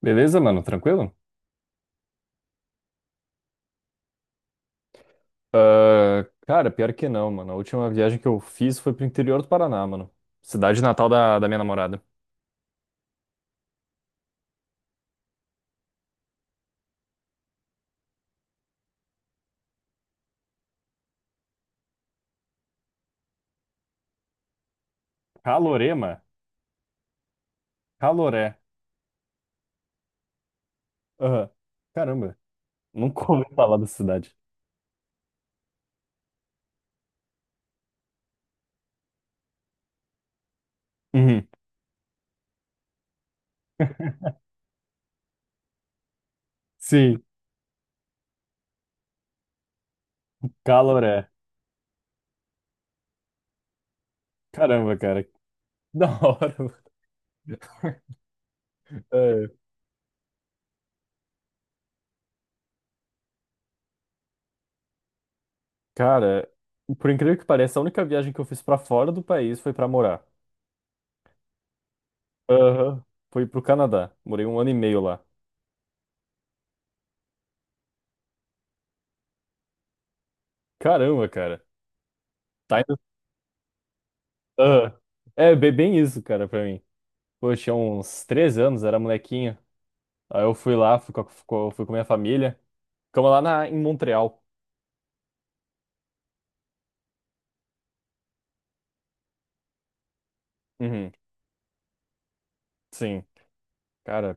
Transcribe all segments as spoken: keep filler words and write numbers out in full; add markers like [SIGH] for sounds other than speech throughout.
Beleza, mano? Tranquilo? Ah, cara, pior que não, mano. A última viagem que eu fiz foi pro interior do Paraná, mano. Cidade natal da, da minha namorada. Calorema? Caloré. Aham. Caramba, nunca ouvi [LAUGHS] falar dessa cidade. Uhum. [LAUGHS] Sim, Caloré. Caramba, cara. Que [LAUGHS] Da hora, mano. [LAUGHS] É, cara, por incrível que pareça, a única viagem que eu fiz pra fora do país foi pra morar. Aham. Foi pro Canadá. Morei um ano e meio lá. Caramba, cara. Tá. Ah, é bem, bem isso, cara, pra mim. Pô, eu tinha uns três anos, era molequinho. Aí eu fui lá, fui com, a- com- fui com a minha família. Ficamos lá na, em Montreal. Uhum, sim. Cara,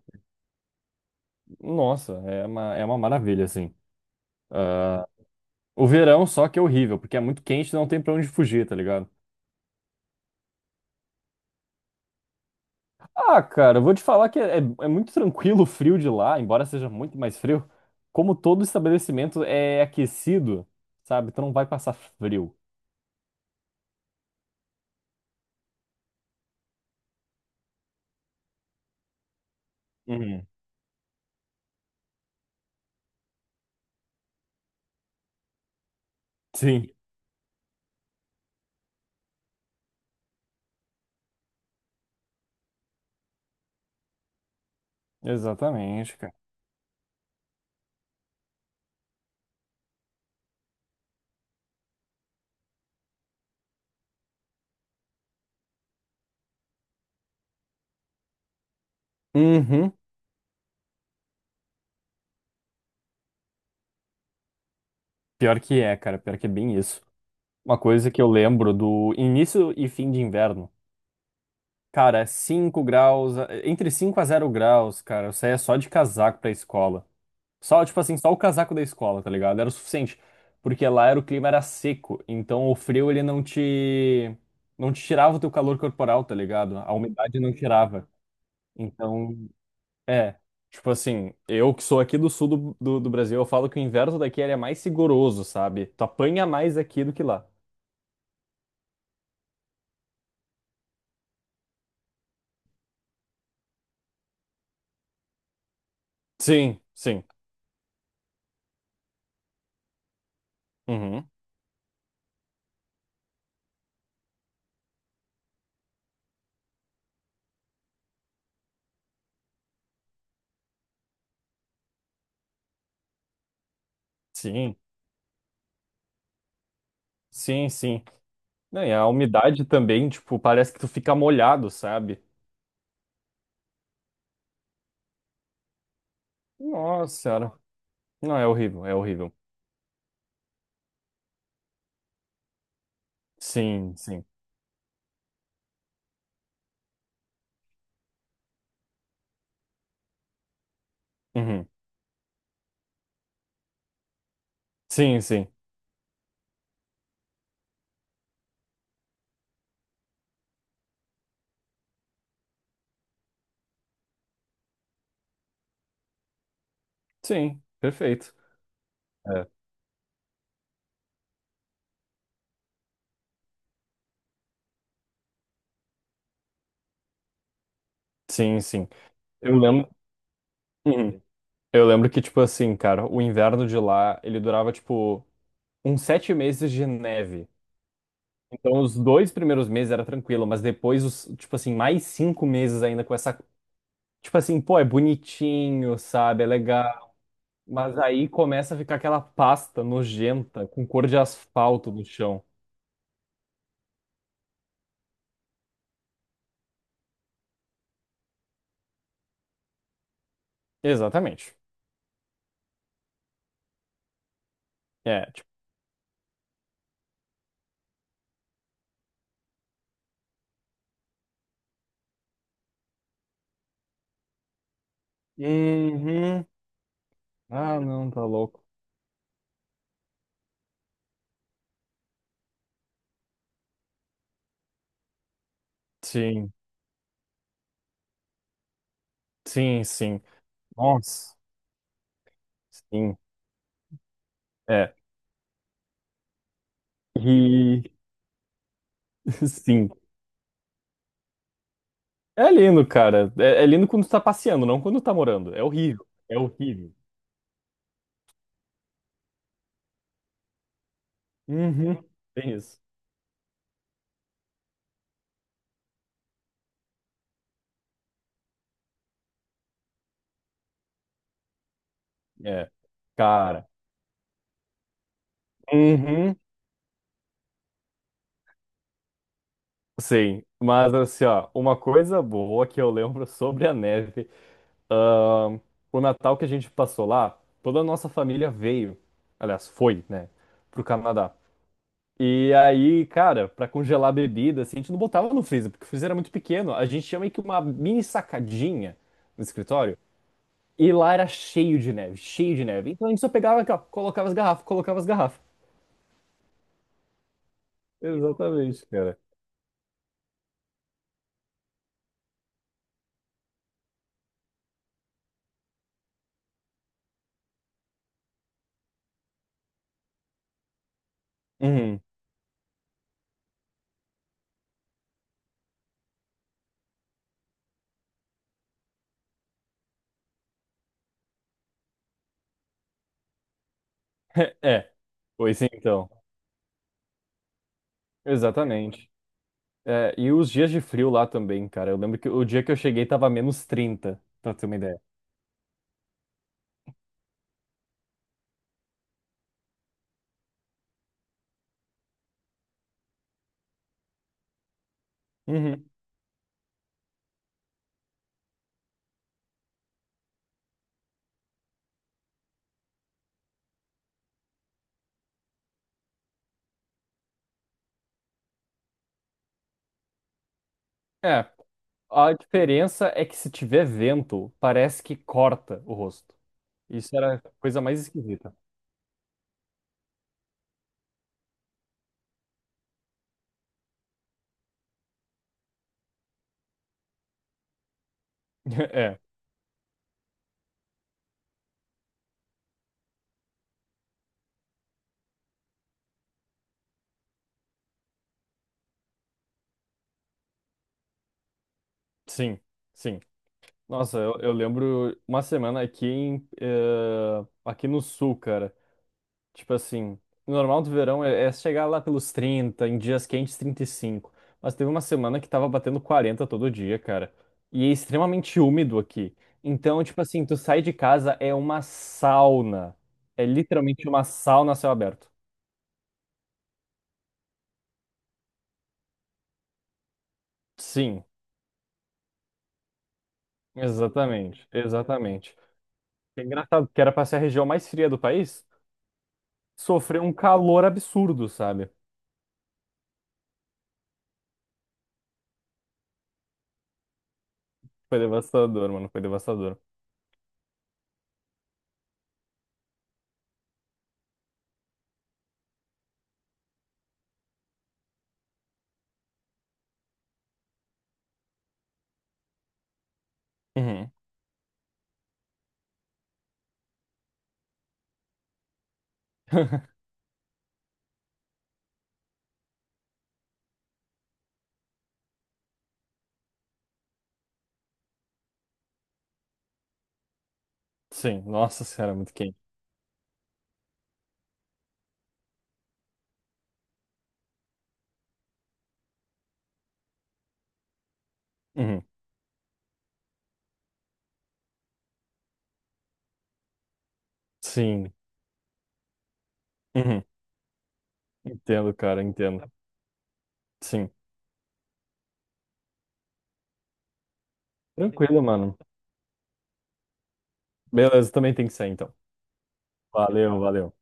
nossa, é uma, é uma maravilha, assim. Ah, o verão só que é horrível, porque é muito quente e não tem pra onde fugir, tá ligado? Ah, cara, eu vou te falar que é, é muito tranquilo o frio de lá, embora seja muito mais frio. Como todo estabelecimento é aquecido, sabe? Tu não vai passar frio. Uhum. Sim, exatamente. Uhum. Pior que é, cara, pior que é bem isso. Uma coisa que eu lembro do início e fim de inverno. Cara, cinco graus, eh, entre cinco a zero graus, cara, eu saía só de casaco pra escola. Só, tipo assim, só o casaco da escola, tá ligado? Era o suficiente, porque lá era o clima era seco, então o frio ele não te não te tirava o teu calor corporal, tá ligado? A umidade não tirava. Então, é, tipo assim, eu que sou aqui do sul do, do, do Brasil, eu falo que o inverno daqui ele é mais rigoroso, sabe? Tu apanha mais aqui do que lá. Sim, sim. Uhum. Sim, sim, sim. Não, e a umidade também, tipo, parece que tu fica molhado, sabe? Nossa senhora. Não, é horrível, é horrível. Sim, sim. Uhum. Sim, sim. Sim, perfeito. É. Sim, sim. Eu lembro. Uhum. Eu lembro que, tipo assim, cara, o inverno de lá, ele durava, tipo, uns sete meses de neve. Então, os dois primeiros meses era tranquilo, mas depois, os, tipo assim, mais cinco meses ainda com essa. Tipo assim, pô, é bonitinho, sabe? É legal. Mas aí começa a ficar aquela pasta nojenta com cor de asfalto no chão. Exatamente. É, tipo. Uhum. Ah, não, tá louco. Sim, sim, sim. Nossa, sim. É. E. [LAUGHS] Sim. É lindo, cara. É, é lindo quando tu tá passeando, não quando tá morando. É horrível. É horrível. Uhum. Tem isso. É, cara. Uhum. Sim, mas assim, ó, uma coisa boa que eu lembro [LAUGHS] sobre a neve, ahn, o Natal que a gente passou lá, toda a nossa família veio, aliás, foi, né, pro Canadá. E aí, cara, pra congelar a bebida, assim, a gente não botava no freezer, porque o freezer era muito pequeno. A gente tinha meio que uma mini sacadinha no escritório, e lá era cheio de neve, cheio de neve. Então a gente só pegava aqui, ó, colocava as garrafas, colocava as garrafas. Exatamente, cara. [LAUGHS] É, pois então. Exatamente. É, e os dias de frio lá também, cara. Eu lembro que o dia que eu cheguei tava menos trinta, pra ter uma ideia. Uhum. É, a diferença é que se tiver vento, parece que corta o rosto. Isso era a coisa mais esquisita. [LAUGHS] É, sim, sim. Nossa, eu, eu lembro uma semana aqui em, eh, aqui no sul, cara. Tipo assim, o normal do verão é, é chegar lá pelos trinta, em dias quentes trinta e cinco. Mas teve uma semana que tava batendo quarenta todo dia, cara. E é extremamente úmido aqui. Então, tipo assim, tu sai de casa é uma sauna. É literalmente uma sauna a céu aberto. Sim, exatamente, exatamente. É engraçado, porque era pra ser a região mais fria do país, sofreu um calor absurdo, sabe? Foi devastador, mano, foi devastador. Uhum. [LAUGHS] Sim, nossa senhora, muito quente. Uhum. Sim. Uhum. Entendo, cara, entendo. Sim. Tranquilo, mano. Beleza, também tem que ser, então. Valeu, valeu.